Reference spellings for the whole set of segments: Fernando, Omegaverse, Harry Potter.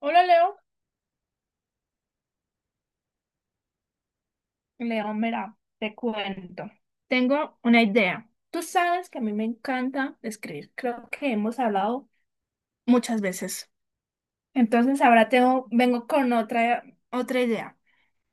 Hola Leo, mira, te cuento. Tengo una idea. Tú sabes que a mí me encanta escribir, creo que hemos hablado muchas veces. Entonces ahora vengo con otra idea.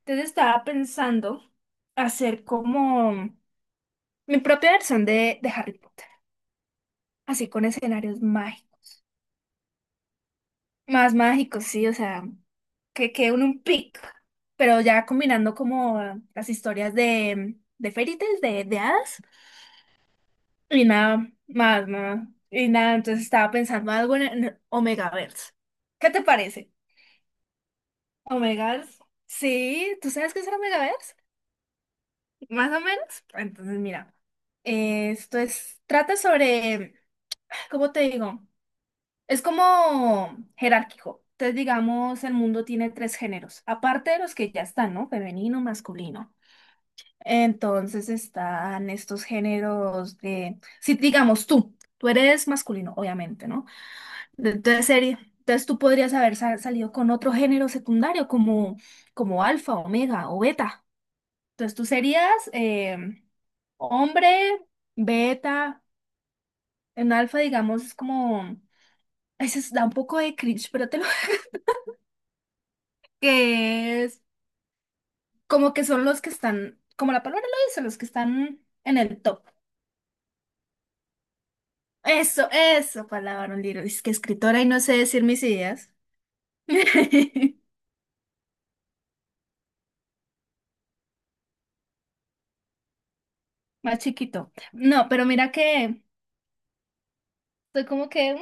Entonces estaba pensando hacer como mi propia versión de Harry Potter, así con escenarios mágicos. Más mágicos, sí, o sea, que quede un pic, pero ya combinando como las historias de fairy tales, de hadas. Y nada más, nada. Y nada, entonces estaba pensando algo en Omegaverse. ¿Qué te parece? Omegaverse. Sí, ¿tú sabes qué es el Omegaverse? Más o menos. Entonces, mira, esto es, trata sobre, ¿cómo te digo? Es como jerárquico. Entonces, digamos, el mundo tiene tres géneros, aparte de los que ya están, ¿no? Femenino, masculino. Entonces están estos géneros de, si digamos tú eres masculino, obviamente, ¿no? Entonces, entonces tú podrías haber salido con otro género secundario como, como alfa, omega o beta. Entonces tú serías hombre, beta, en alfa digamos es como, da un poco de cringe, pero te lo... que es como que son los que están, como la palabra lo dice, los que están en el top. Eso, palabra, un libro. Es que escritora y no sé decir mis ideas. Más chiquito. No, pero mira que... Soy como que, "Mm,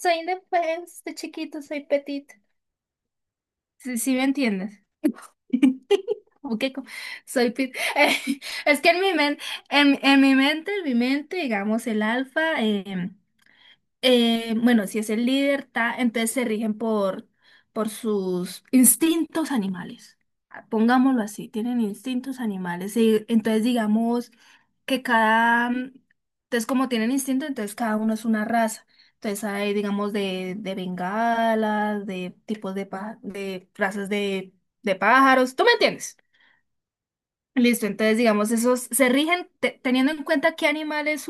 soy indefensa, de chiquito, soy petit. Sí, sí me entiendes. Como que soy es que en mi mente, digamos, el alfa. Bueno, si es el líder, ta, entonces se rigen por sus instintos animales. Ah, pongámoslo así, tienen instintos animales. Y entonces digamos que entonces como tienen instinto, entonces cada uno es una raza. Entonces hay, digamos, de bengalas, de tipos de, de razas de pájaros, ¿tú me entiendes? Listo, entonces digamos, esos se rigen teniendo en cuenta qué animal es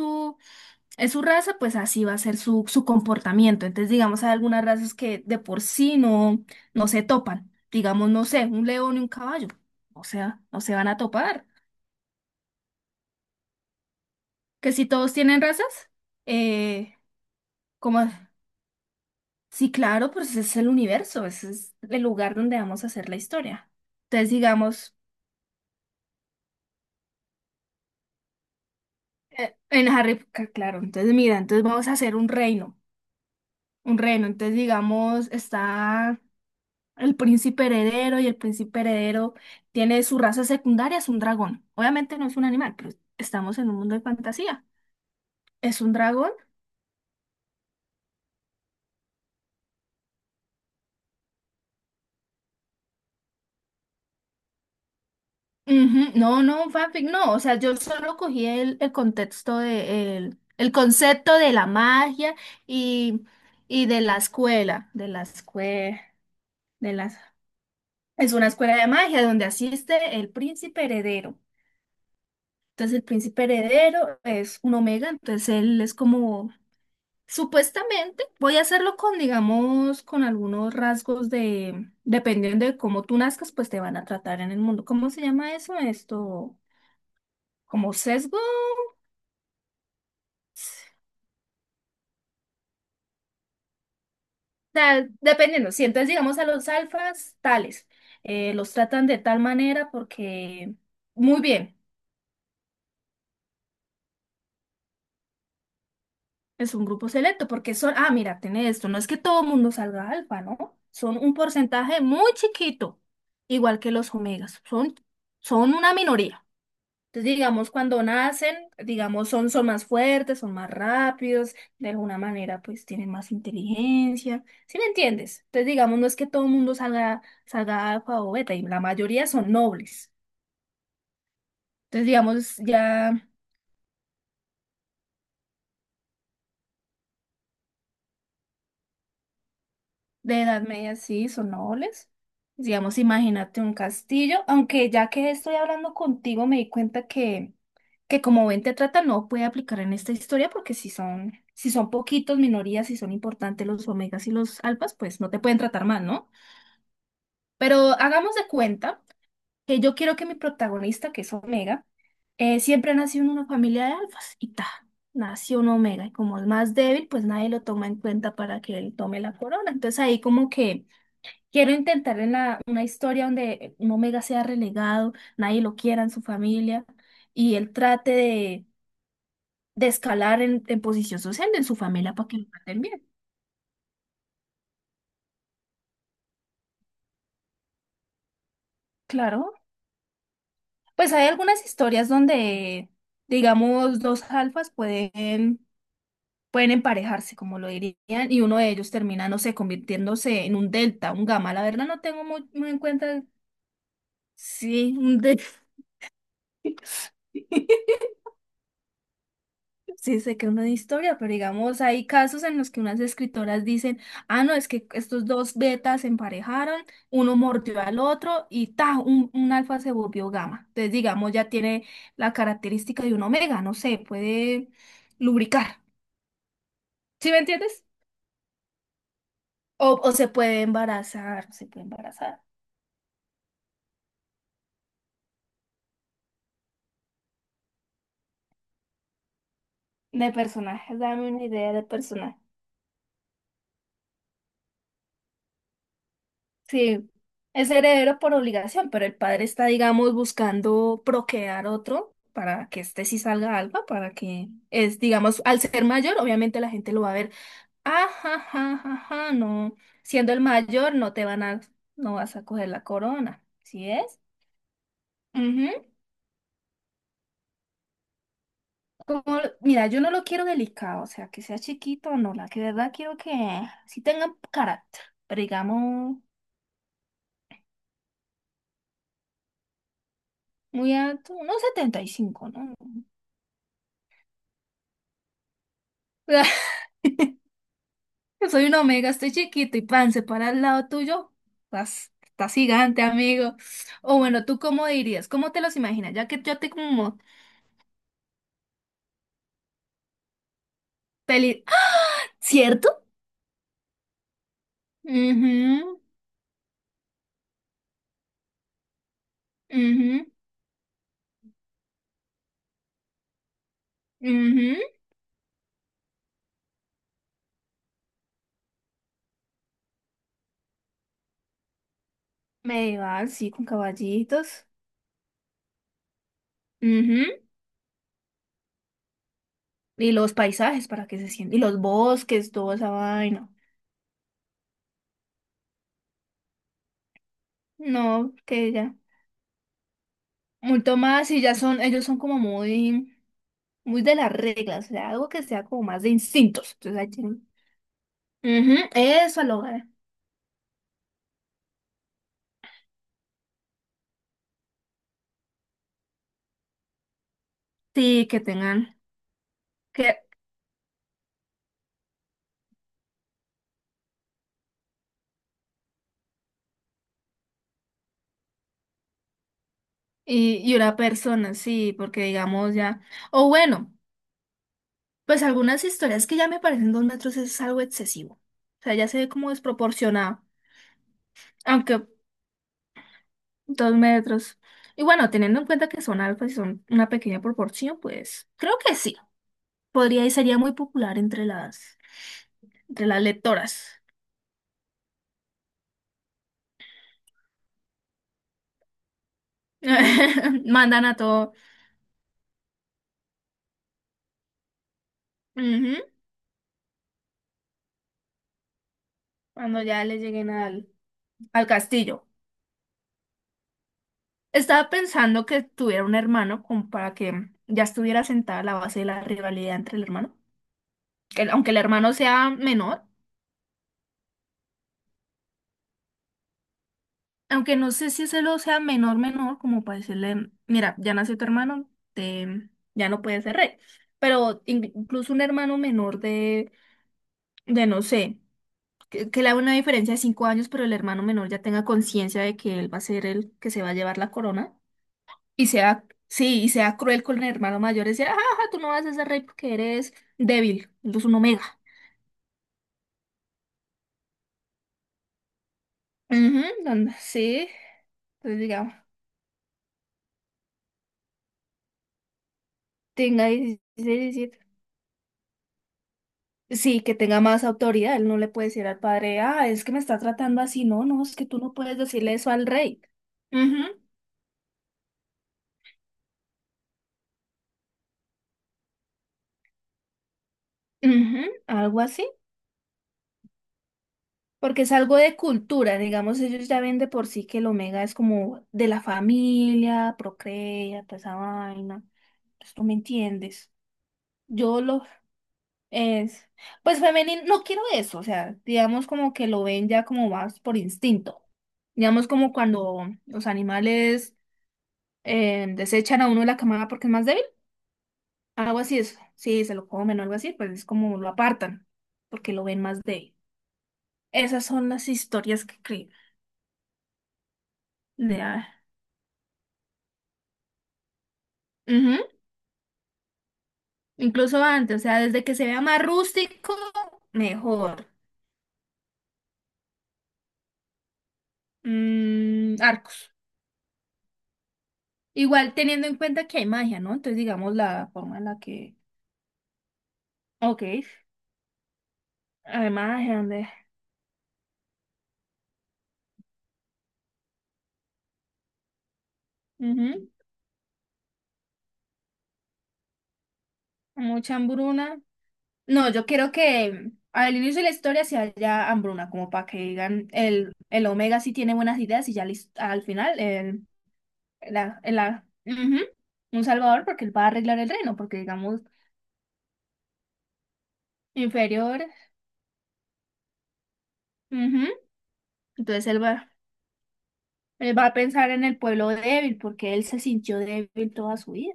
es su raza, pues así va a ser su comportamiento. Entonces, digamos, hay algunas razas que de por sí no, no se topan. Digamos, no sé, un león y un caballo. O sea, no se van a topar. Que si todos tienen razas, eh, como, sí, claro, pues ese es el universo, ese es el lugar donde vamos a hacer la historia. Entonces, digamos, en Harry Potter, claro, entonces mira, entonces vamos a hacer un reino, un reino. Entonces, digamos, está el príncipe heredero y el príncipe heredero tiene su raza secundaria, es un dragón. Obviamente no es un animal, pero estamos en un mundo de fantasía. ¿Es un dragón? Ujú. No, no, un fanfic, no. O sea, yo solo cogí el contexto de el concepto de la magia y, y de la escuela, de las es una escuela de magia donde asiste el príncipe heredero. Entonces el príncipe heredero es un omega, entonces él es como supuestamente voy a hacerlo con, digamos, con algunos rasgos de, dependiendo de cómo tú nazcas, pues te van a tratar en el mundo. ¿Cómo se llama eso? Esto, como sesgo, tal, dependiendo. Si entonces, digamos, a los alfas, tales, los tratan de tal manera porque, muy bien, es un grupo selecto, porque son, ah, mira, tiene esto, no es que todo mundo salga alfa, ¿no? Son un porcentaje muy chiquito, igual que los omegas, son, son una minoría. Entonces, digamos, cuando nacen, digamos, son, son más fuertes, son más rápidos, de alguna manera, pues tienen más inteligencia. ¿Sí me entiendes? Entonces, digamos, no es que todo el mundo salga, salga alfa o beta, y la mayoría son nobles. Entonces, digamos, ya. De Edad Media sí, son nobles. Digamos, imagínate un castillo, aunque ya que estoy hablando contigo me di cuenta que como ven te trata no puede aplicar en esta historia porque si son, si son poquitos minorías y son importantes los omegas y los alfas, pues no te pueden tratar mal, ¿no? Pero hagamos de cuenta que yo quiero que mi protagonista, que es omega, siempre nació en una familia de alfas y ta, nació un omega y como es más débil, pues nadie lo toma en cuenta para que él tome la corona. Entonces ahí como que... Quiero intentar en una historia donde un omega sea relegado, nadie lo quiera en su familia y él trate de escalar en posición social en su familia para que lo traten bien. Claro, pues hay algunas historias donde, digamos, dos alfas pueden, pueden emparejarse, como lo dirían, y uno de ellos termina, no sé, convirtiéndose en un delta, un gamma. La verdad no tengo muy, muy en cuenta, sí, un delta. Sí, sé que es una historia, pero digamos, hay casos en los que unas escritoras dicen, ah, no, es que estos dos betas se emparejaron, uno mordió al otro y ta, un alfa se volvió gamma. Entonces, digamos, ya tiene la característica de un omega, no sé, puede lubricar. ¿Sí me entiendes? O se puede embarazar, se puede embarazar. De personajes, dame una idea de personaje. Sí, es heredero por obligación, pero el padre está, digamos, buscando procrear otro para que este sí salga algo, para que es, digamos, al ser mayor, obviamente la gente lo va a ver, ajá, ajá, ajá, no, siendo el mayor no te van a, no vas a coger la corona, ¿sí es? Ujú. Como, mira, yo no lo quiero delicado, o sea, que sea chiquito, no, la que de verdad quiero que sí tenga carácter, pero digamos, muy alto, unos 75, ¿no? Yo soy un omega, estoy chiquito y pan, se para al lado tuyo. Estás gigante, amigo. O bueno, ¿tú cómo dirías? ¿Cómo te los imaginas? Ya que yo te como peli... ¡Ah! ¿Cierto? Mhm, mhm, mhm. Medieval, sí, con caballitos. Mhm. Y los paisajes para que se sientan. Y los bosques, toda esa vaina. No, que ya. Mucho más y ya son, ellos son como muy, muy de las reglas. O sea, algo que sea como más de instintos. Entonces ahí tienen. Ujú, eso lo sí, que tengan que y una persona, sí, porque digamos ya. O bueno, pues algunas historias que ya me parecen 2 metros es algo excesivo. O sea, ya se ve como desproporcionado. Aunque 2 metros. Y bueno, teniendo en cuenta que son alfas y son una pequeña proporción, pues creo que sí. Podría y sería muy popular entre las lectoras. Mandan a todo. Ujú, cuando ya le lleguen al, al castillo. Estaba pensando que tuviera un hermano como para que ya estuviera sentada la base de la rivalidad entre el hermano. Que aunque el hermano sea menor, aunque no sé si ese lo sea menor, menor, como para decirle, mira, ya nació tu hermano, ya no puedes ser rey. Pero incluso un hermano menor de no sé, que le haga una diferencia de 5 años, pero el hermano menor ya tenga conciencia de que él va a ser el que se va a llevar la corona. Y sea, sí, y sea cruel con el hermano mayor, decir, ajá, ajá, tú no vas a ser rey porque eres débil, eres un omega. Ujú, sí, entonces digamos, tenga 16, 17. Sí, que tenga más autoridad, él no le puede decir al padre, ah, es que me está tratando así, no, no, es que tú no puedes decirle eso al rey. Ujú, ujú, algo así, porque es algo de cultura, digamos, ellos ya ven de por sí que el omega es como de la familia, procrea, toda esa vaina, pues tú me entiendes. Yo lo, es, pues femenino, no quiero eso, o sea, digamos como que lo ven ya como más por instinto. Digamos como cuando los animales desechan a uno de la camada porque es más débil, algo así es, sí, se lo comen o algo así, pues es como lo apartan, porque lo ven más débil. Esas son las historias que creo. De, ah, ujú, incluso antes, o sea, desde que se vea más rústico, mejor. Mm, arcos. Igual teniendo en cuenta que hay magia, ¿no? Entonces, digamos, la forma en la que ok, además de Andes. Ujú, mucha hambruna. No, yo quiero que al inicio de la historia se haya hambruna, como para que digan el omega sí tiene buenas ideas y ya al final el, ujú, un salvador porque él va a arreglar el reino, porque digamos inferior. Ujú, entonces él va a pensar en el pueblo débil porque él se sintió débil toda su vida.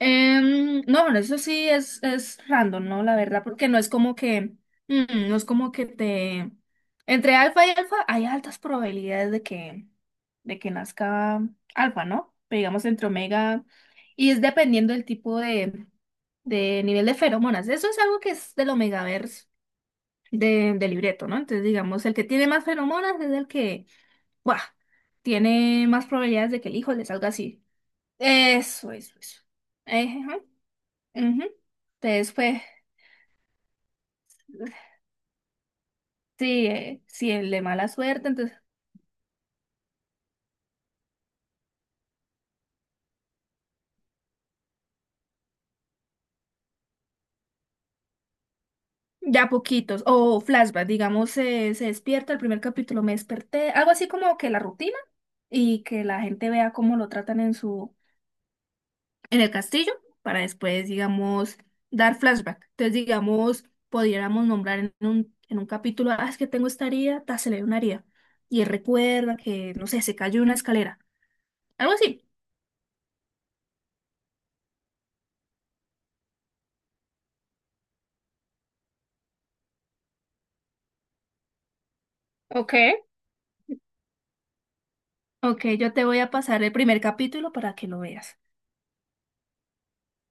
No, bueno, eso sí es random, ¿no? La verdad, porque no es como que, mm, no es como que te... Entre alfa y alfa hay altas probabilidades de que nazca alfa, ¿no? Pero digamos entre omega, y es dependiendo del tipo de nivel de feromonas. Eso es algo que es del omegaverse de, del libreto, ¿no? Entonces, digamos, el que tiene más feromonas es el que, ¡buah! Tiene más probabilidades de que el hijo le salga así. Eso, eso, eso. Ejé, ajá. Ujú. Entonces, fue sí, sí, el de mala suerte, entonces, ya poquitos. O flashback, digamos, se despierta, el primer capítulo me desperté, algo así como que la rutina y que la gente vea cómo lo tratan en su, en el castillo, para después, digamos, dar flashback. Entonces, digamos, pudiéramos nombrar en un capítulo, ah, es que tengo esta herida, ta, se le ve una herida. Y él recuerda que, no sé, se cayó de una escalera. Algo así. Ok. Ok, yo te voy a pasar el primer capítulo para que lo veas.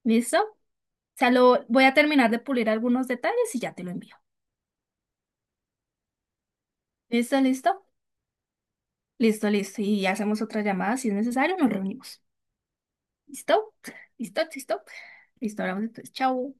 ¿Listo? O sea, lo voy a terminar de pulir algunos detalles y ya te lo envío. ¿Listo, listo? Listo, listo. Y hacemos otra llamada si es necesario, nos reunimos. ¿Listo? ¿Listo? ¿Listo? Listo, hablamos entonces. Chao.